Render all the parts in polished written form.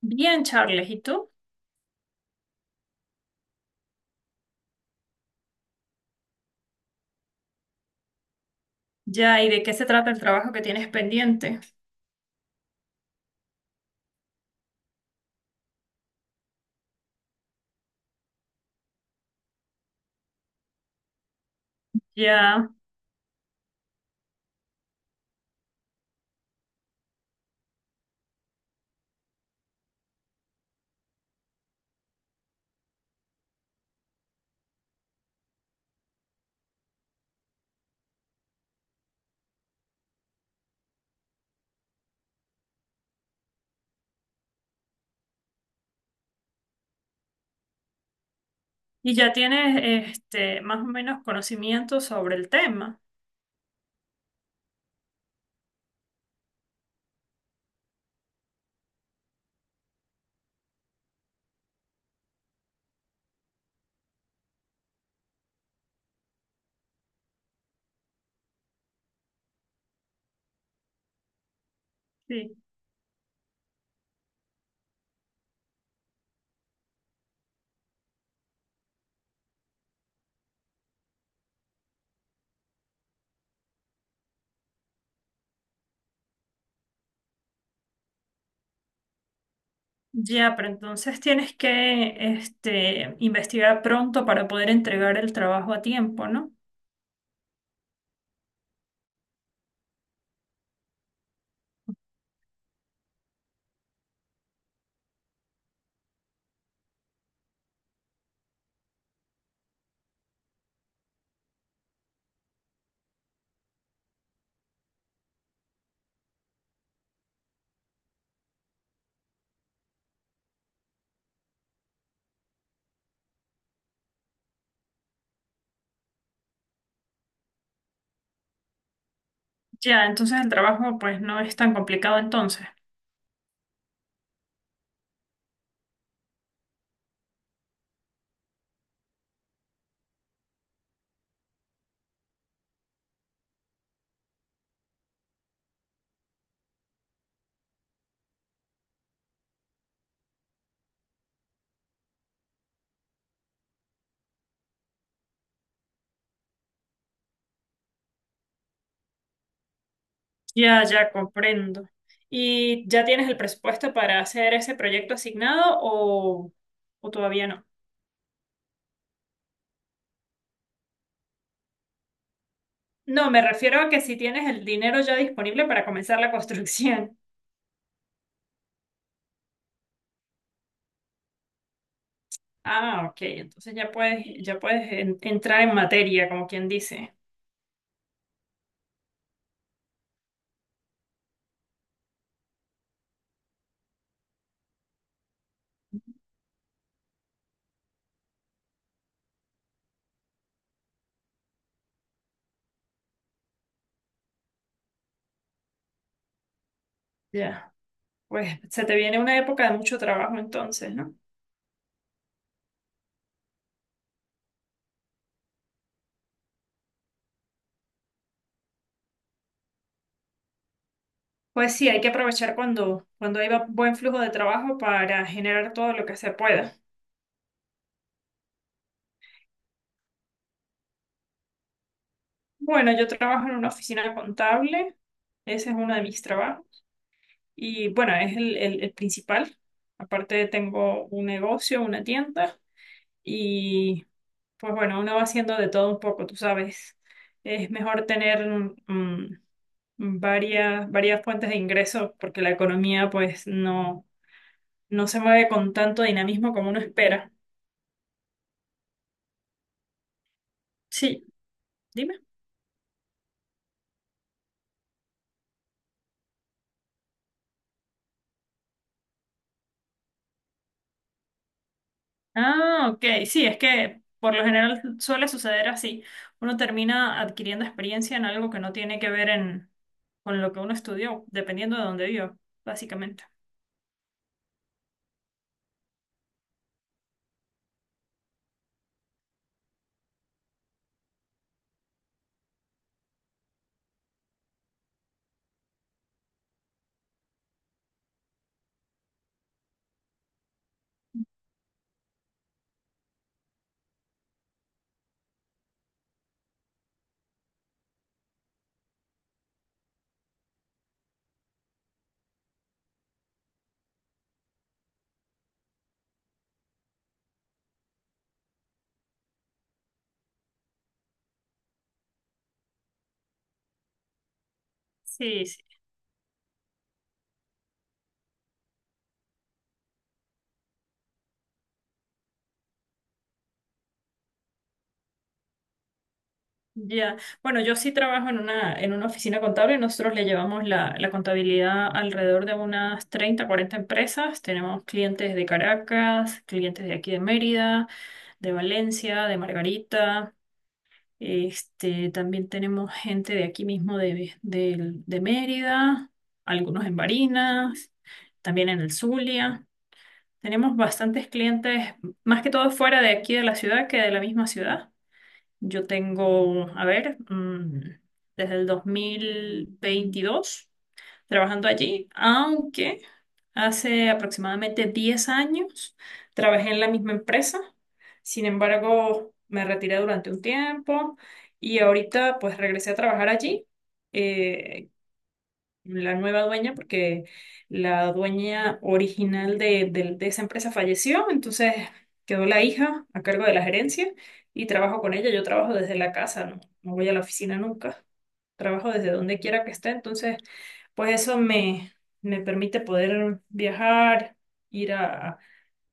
Bien, Charles, ¿y tú? Ya, ¿y de qué se trata el trabajo que tienes pendiente? Ya, y ya tienes más o menos conocimiento sobre el tema. Sí. Ya, pero entonces tienes que investigar pronto para poder entregar el trabajo a tiempo, ¿no? Ya, entonces el trabajo pues no es tan complicado entonces. Ya, ya comprendo. ¿Y ya tienes el presupuesto para hacer ese proyecto asignado o todavía no? No, me refiero a que si tienes el dinero ya disponible para comenzar la construcción. Ah, ok, entonces ya puedes entrar en materia, como quien dice. Ya, pues se te viene una época de mucho trabajo entonces, ¿no? Pues sí, hay que aprovechar cuando hay buen flujo de trabajo para generar todo lo que se pueda. Bueno, yo trabajo en una oficina contable, ese es uno de mis trabajos, y bueno, es el principal. Aparte tengo un negocio, una tienda. Y pues bueno, uno va haciendo de todo un poco, tú sabes. Es mejor tener mm, varias fuentes de ingresos porque la economía pues no se mueve con tanto dinamismo como uno espera. Sí, dime. Ah, ok, sí, es que por lo general suele suceder así. Uno termina adquiriendo experiencia en algo que no tiene que ver con lo que uno estudió, dependiendo de dónde viva, básicamente. Sí, sí. Ya, bueno, yo sí trabajo en una oficina contable. Nosotros le llevamos la, la contabilidad alrededor de unas 30-40 empresas. Tenemos clientes de Caracas, clientes de aquí de Mérida, de Valencia, de Margarita. Este, también tenemos gente de aquí mismo de Mérida, algunos en Barinas, también en el Zulia. Tenemos bastantes clientes, más que todo fuera de aquí de la ciudad que de la misma ciudad. Yo tengo, a ver, desde el 2022 trabajando allí, aunque hace aproximadamente 10 años trabajé en la misma empresa. Sin embargo, me retiré durante un tiempo y ahorita pues regresé a trabajar allí. Eh, la nueva dueña, porque la dueña original de esa empresa falleció, entonces quedó la hija a cargo de la gerencia y trabajo con ella. Yo trabajo desde la casa, no, no voy a la oficina nunca. Trabajo desde donde quiera que esté, entonces pues eso me, me permite poder viajar, ir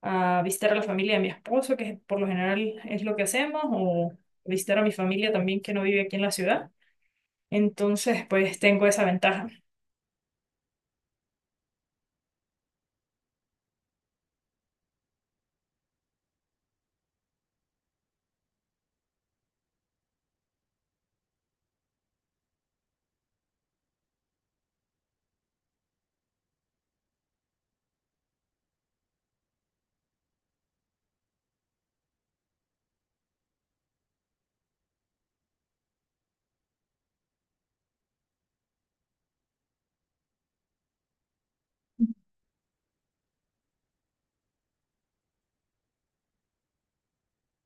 a visitar a la familia de mi esposo, que por lo general es lo que hacemos, o visitar a mi familia también que no vive aquí en la ciudad. Entonces, pues tengo esa ventaja.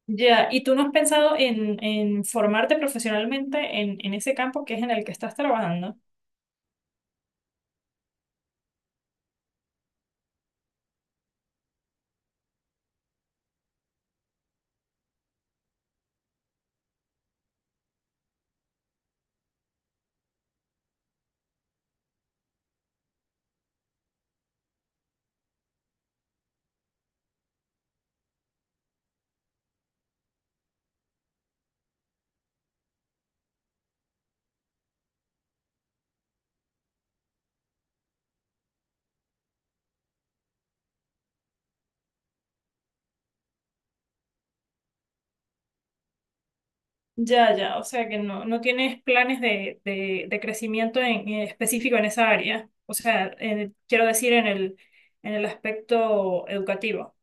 Ya, ¿y tú no has pensado en formarte profesionalmente en ese campo que es en el que estás trabajando? Ya, ya, o sea que no, no tienes planes de crecimiento en específico en esa área. O sea, quiero decir en el aspecto educativo.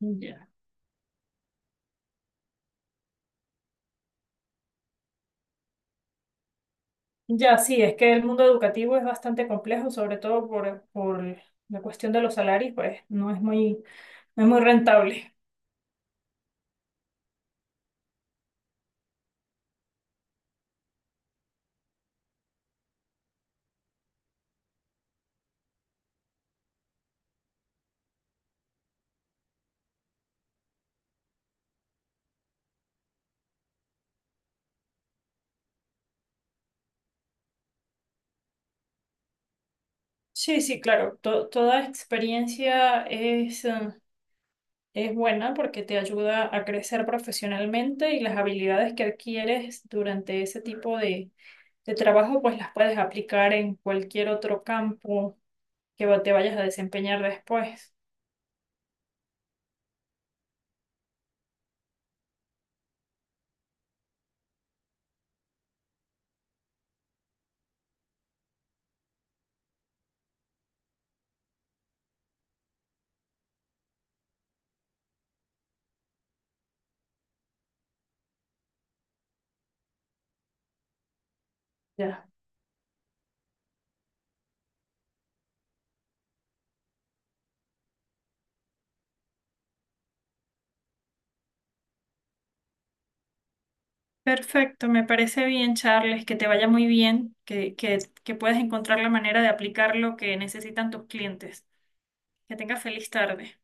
Ya. Ya, sí, es que el mundo educativo es bastante complejo, sobre todo por la cuestión de los salarios, pues no es muy, no es muy rentable. Sí, sí, claro, toda experiencia es... es buena porque te ayuda a crecer profesionalmente y las habilidades que adquieres durante ese tipo de trabajo, pues las puedes aplicar en cualquier otro campo que te vayas a desempeñar después. Ya. Perfecto, me parece bien, Charles, que te vaya muy bien, que puedas encontrar la manera de aplicar lo que necesitan tus clientes. Que tengas feliz tarde.